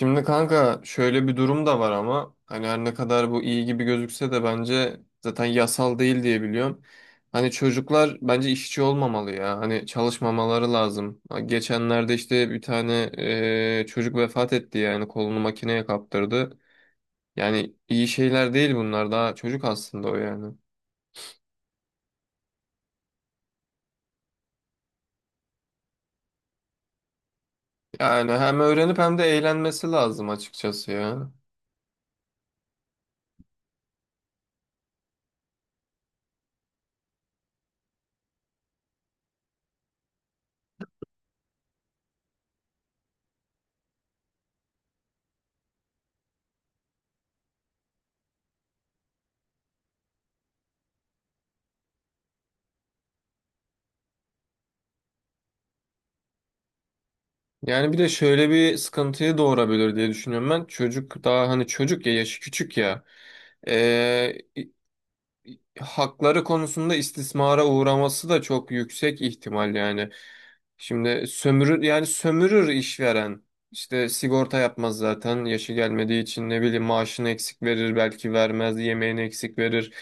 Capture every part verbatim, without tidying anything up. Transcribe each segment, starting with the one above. Şimdi kanka şöyle bir durum da var ama hani her ne kadar bu iyi gibi gözükse de bence zaten yasal değil diye biliyorum. Hani çocuklar bence işçi olmamalı ya. Hani çalışmamaları lazım. Geçenlerde işte bir tane e, çocuk vefat etti yani kolunu makineye kaptırdı. Yani iyi şeyler değil bunlar daha çocuk aslında o yani. Yani hem öğrenip hem de eğlenmesi lazım açıkçası ya. Yani bir de şöyle bir sıkıntıyı doğurabilir diye düşünüyorum ben. Çocuk daha hani çocuk ya yaşı küçük ya. Ee, Hakları konusunda istismara uğraması da çok yüksek ihtimal yani. Şimdi sömürür yani sömürür işveren. İşte sigorta yapmaz zaten yaşı gelmediği için ne bileyim maaşını eksik verir belki vermez yemeğini eksik verir.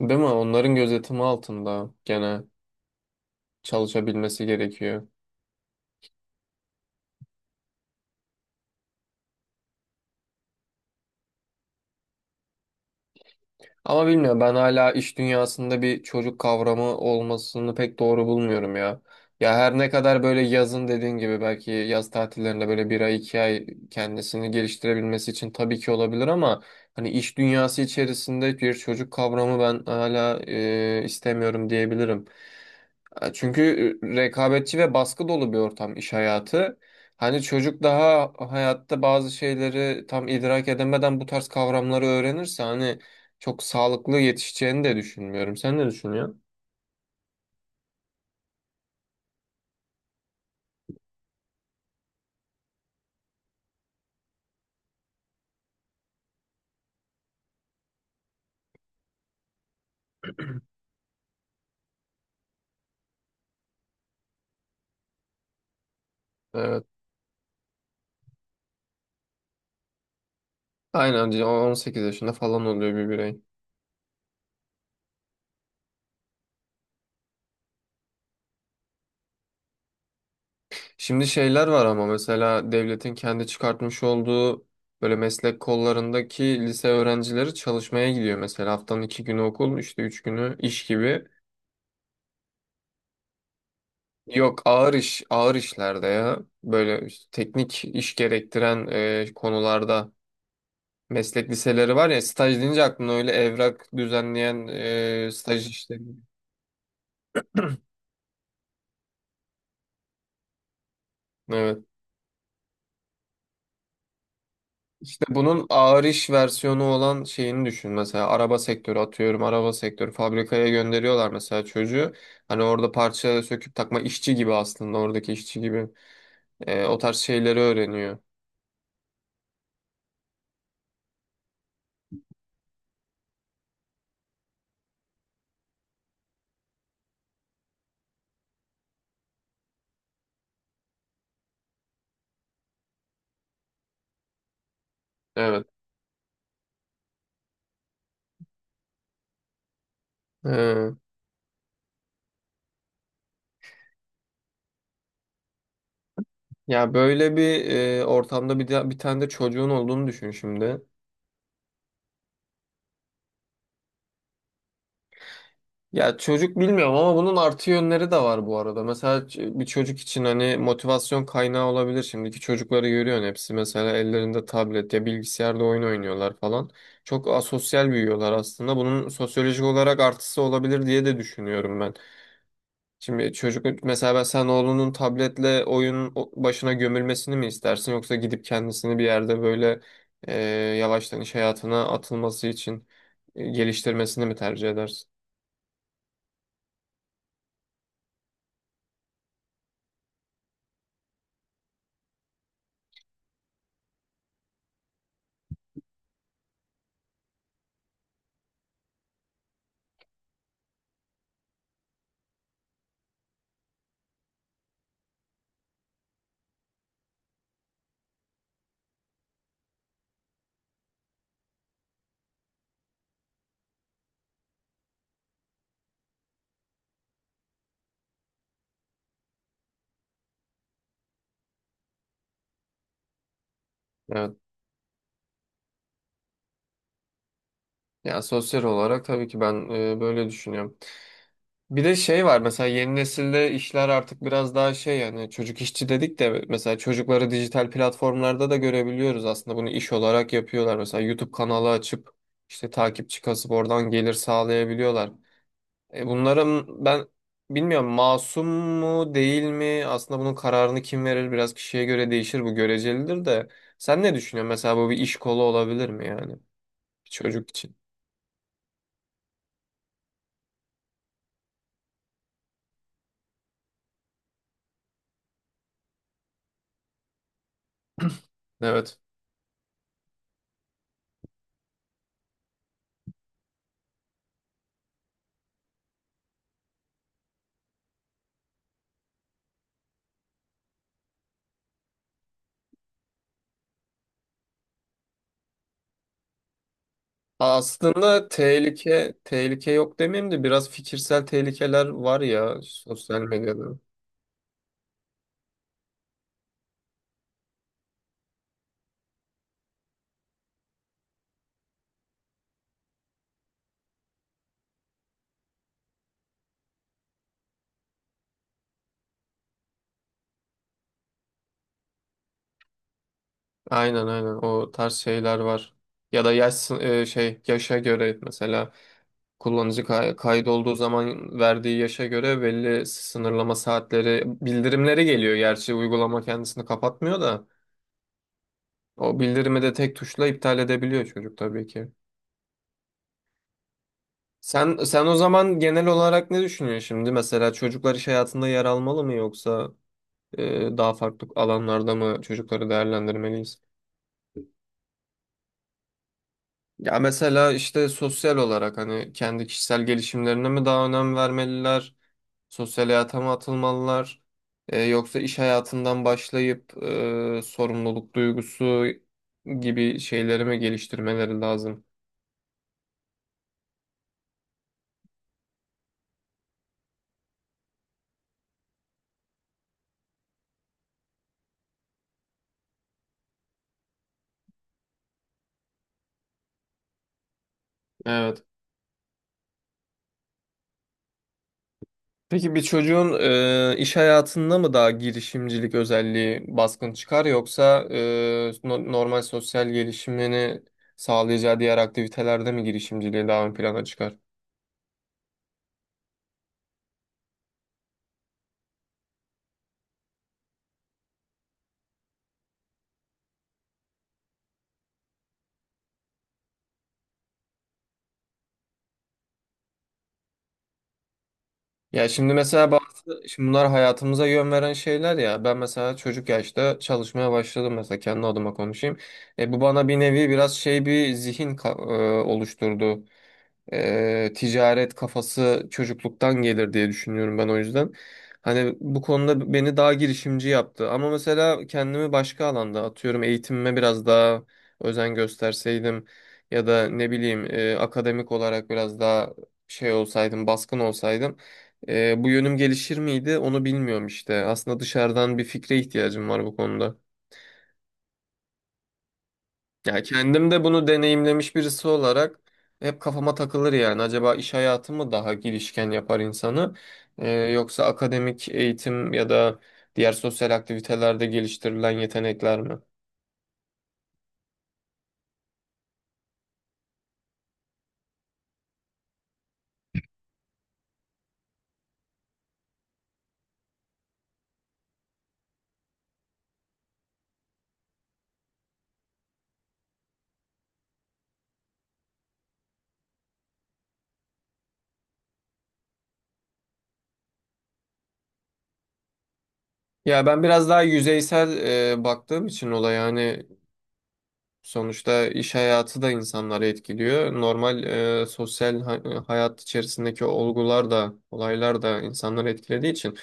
Değil mi? Onların gözetimi altında gene çalışabilmesi gerekiyor. Ama bilmiyorum ben hala iş dünyasında bir çocuk kavramı olmasını pek doğru bulmuyorum ya. Ya her ne kadar böyle yazın dediğin gibi belki yaz tatillerinde böyle bir ay iki ay kendisini geliştirebilmesi için tabii ki olabilir ama hani iş dünyası içerisinde bir çocuk kavramı ben hala e, istemiyorum diyebilirim. E, Çünkü rekabetçi ve baskı dolu bir ortam iş hayatı. Hani çocuk daha hayatta bazı şeyleri tam idrak edemeden bu tarz kavramları öğrenirse hani çok sağlıklı yetişeceğini de düşünmüyorum. Sen ne düşünüyorsun? Evet. Aynen on sekiz yaşında falan oluyor bir birey. Şimdi şeyler var ama mesela devletin kendi çıkartmış olduğu böyle meslek kollarındaki lise öğrencileri çalışmaya gidiyor. Mesela haftanın iki günü okul, işte üç günü iş gibi. Yok ağır iş, ağır işlerde ya. Böyle işte teknik iş gerektiren e, konularda meslek liseleri var ya staj deyince aklına öyle evrak düzenleyen e, staj işleri. Evet. İşte bunun ağır iş versiyonu olan şeyini düşün. Mesela araba sektörü atıyorum. Araba sektörü fabrikaya gönderiyorlar mesela çocuğu. Hani orada parça söküp takma işçi gibi aslında oradaki işçi gibi. Ee, o tarz şeyleri öğreniyor. Evet. Ee, Ya böyle bir e, ortamda bir, de, bir tane de çocuğun olduğunu düşün şimdi. Ya çocuk bilmiyorum ama bunun artı yönleri de var bu arada. Mesela ç- bir çocuk için hani motivasyon kaynağı olabilir. Şimdiki çocukları görüyorsun hepsi mesela ellerinde tablet ya bilgisayarda oyun oynuyorlar falan. Çok asosyal büyüyorlar aslında. Bunun sosyolojik olarak artısı olabilir diye de düşünüyorum ben. Şimdi çocuk mesela ben sen oğlunun tabletle oyun o- başına gömülmesini mi istersin yoksa gidip kendisini bir yerde böyle e, yavaştan iş hayatına atılması için e, geliştirmesini mi tercih edersin? Evet. Ya sosyal olarak tabii ki ben e, böyle düşünüyorum. Bir de şey var mesela yeni nesilde işler artık biraz daha şey yani çocuk işçi dedik de mesela çocukları dijital platformlarda da görebiliyoruz aslında bunu iş olarak yapıyorlar. Mesela YouTube kanalı açıp işte takipçi kasıp oradan gelir sağlayabiliyorlar. E, bunların ben bilmiyorum masum mu değil mi aslında bunun kararını kim verir biraz kişiye göre değişir bu görecelidir de sen ne düşünüyorsun mesela bu bir iş kolu olabilir mi yani bir çocuk için? Evet. Aslında tehlike tehlike yok demeyeyim de biraz fikirsel tehlikeler var ya sosyal medyada. Aynen, aynen, o tarz şeyler var. Ya da yaş sın- e, şey yaşa göre mesela kullanıcı kay- kaydolduğu zaman verdiği yaşa göre belli sınırlama saatleri bildirimleri geliyor. Gerçi uygulama kendisini kapatmıyor da o bildirimi de tek tuşla iptal edebiliyor çocuk tabii ki. Sen sen o zaman genel olarak ne düşünüyorsun şimdi? Mesela çocuklar iş hayatında yer almalı mı yoksa e, daha farklı alanlarda mı çocukları değerlendirmeliyiz? Ya mesela işte sosyal olarak hani kendi kişisel gelişimlerine mi daha önem vermeliler? Sosyal hayata mı atılmalılar? E, yoksa iş hayatından başlayıp e, sorumluluk duygusu gibi şeyleri mi geliştirmeleri lazım? Evet. Peki bir çocuğun e, iş hayatında mı daha girişimcilik özelliği baskın çıkar yoksa e, no- normal sosyal gelişimini sağlayacağı diğer aktivitelerde mi girişimciliği daha ön plana çıkar? Ya şimdi mesela bazı şimdi bunlar hayatımıza yön veren şeyler ya ben mesela çocuk yaşta çalışmaya başladım mesela kendi adıma konuşayım. E, bu bana bir nevi biraz şey bir zihin ka- e, oluşturdu. E, ticaret kafası çocukluktan gelir diye düşünüyorum ben o yüzden. Hani bu konuda beni daha girişimci yaptı. Ama mesela kendimi başka alanda atıyorum eğitimime biraz daha özen gösterseydim ya da ne bileyim e, akademik olarak biraz daha şey olsaydım, baskın olsaydım e, bu yönüm gelişir miydi onu bilmiyorum işte. Aslında dışarıdan bir fikre ihtiyacım var bu konuda. Ya kendim de bunu deneyimlemiş birisi olarak hep kafama takılır yani. Acaba iş hayatı mı daha girişken yapar insanı? Ee, yoksa akademik eğitim ya da diğer sosyal aktivitelerde geliştirilen yetenekler mi? Ya ben biraz daha yüzeysel e, baktığım için olaya yani. Sonuçta iş hayatı da insanları etkiliyor. Normal e, sosyal ha- e, hayat içerisindeki olgular da, olaylar da insanları etkilediği için.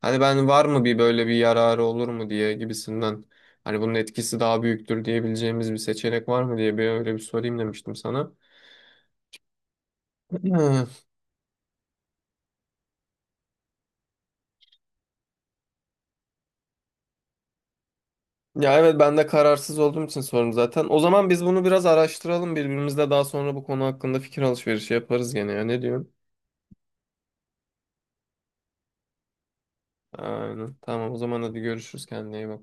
Hani ben var mı bir böyle bir yararı olur mu diye gibisinden. Hani bunun etkisi daha büyüktür diyebileceğimiz bir seçenek var mı diye bir öyle bir sorayım demiştim sana. Hmm. Ya evet ben de kararsız olduğum için sordum zaten. O zaman biz bunu biraz araştıralım, birbirimizle daha sonra bu konu hakkında fikir alışverişi yaparız gene, ya ne diyorsun? Aynen. Tamam, o zaman hadi görüşürüz, kendine iyi bak.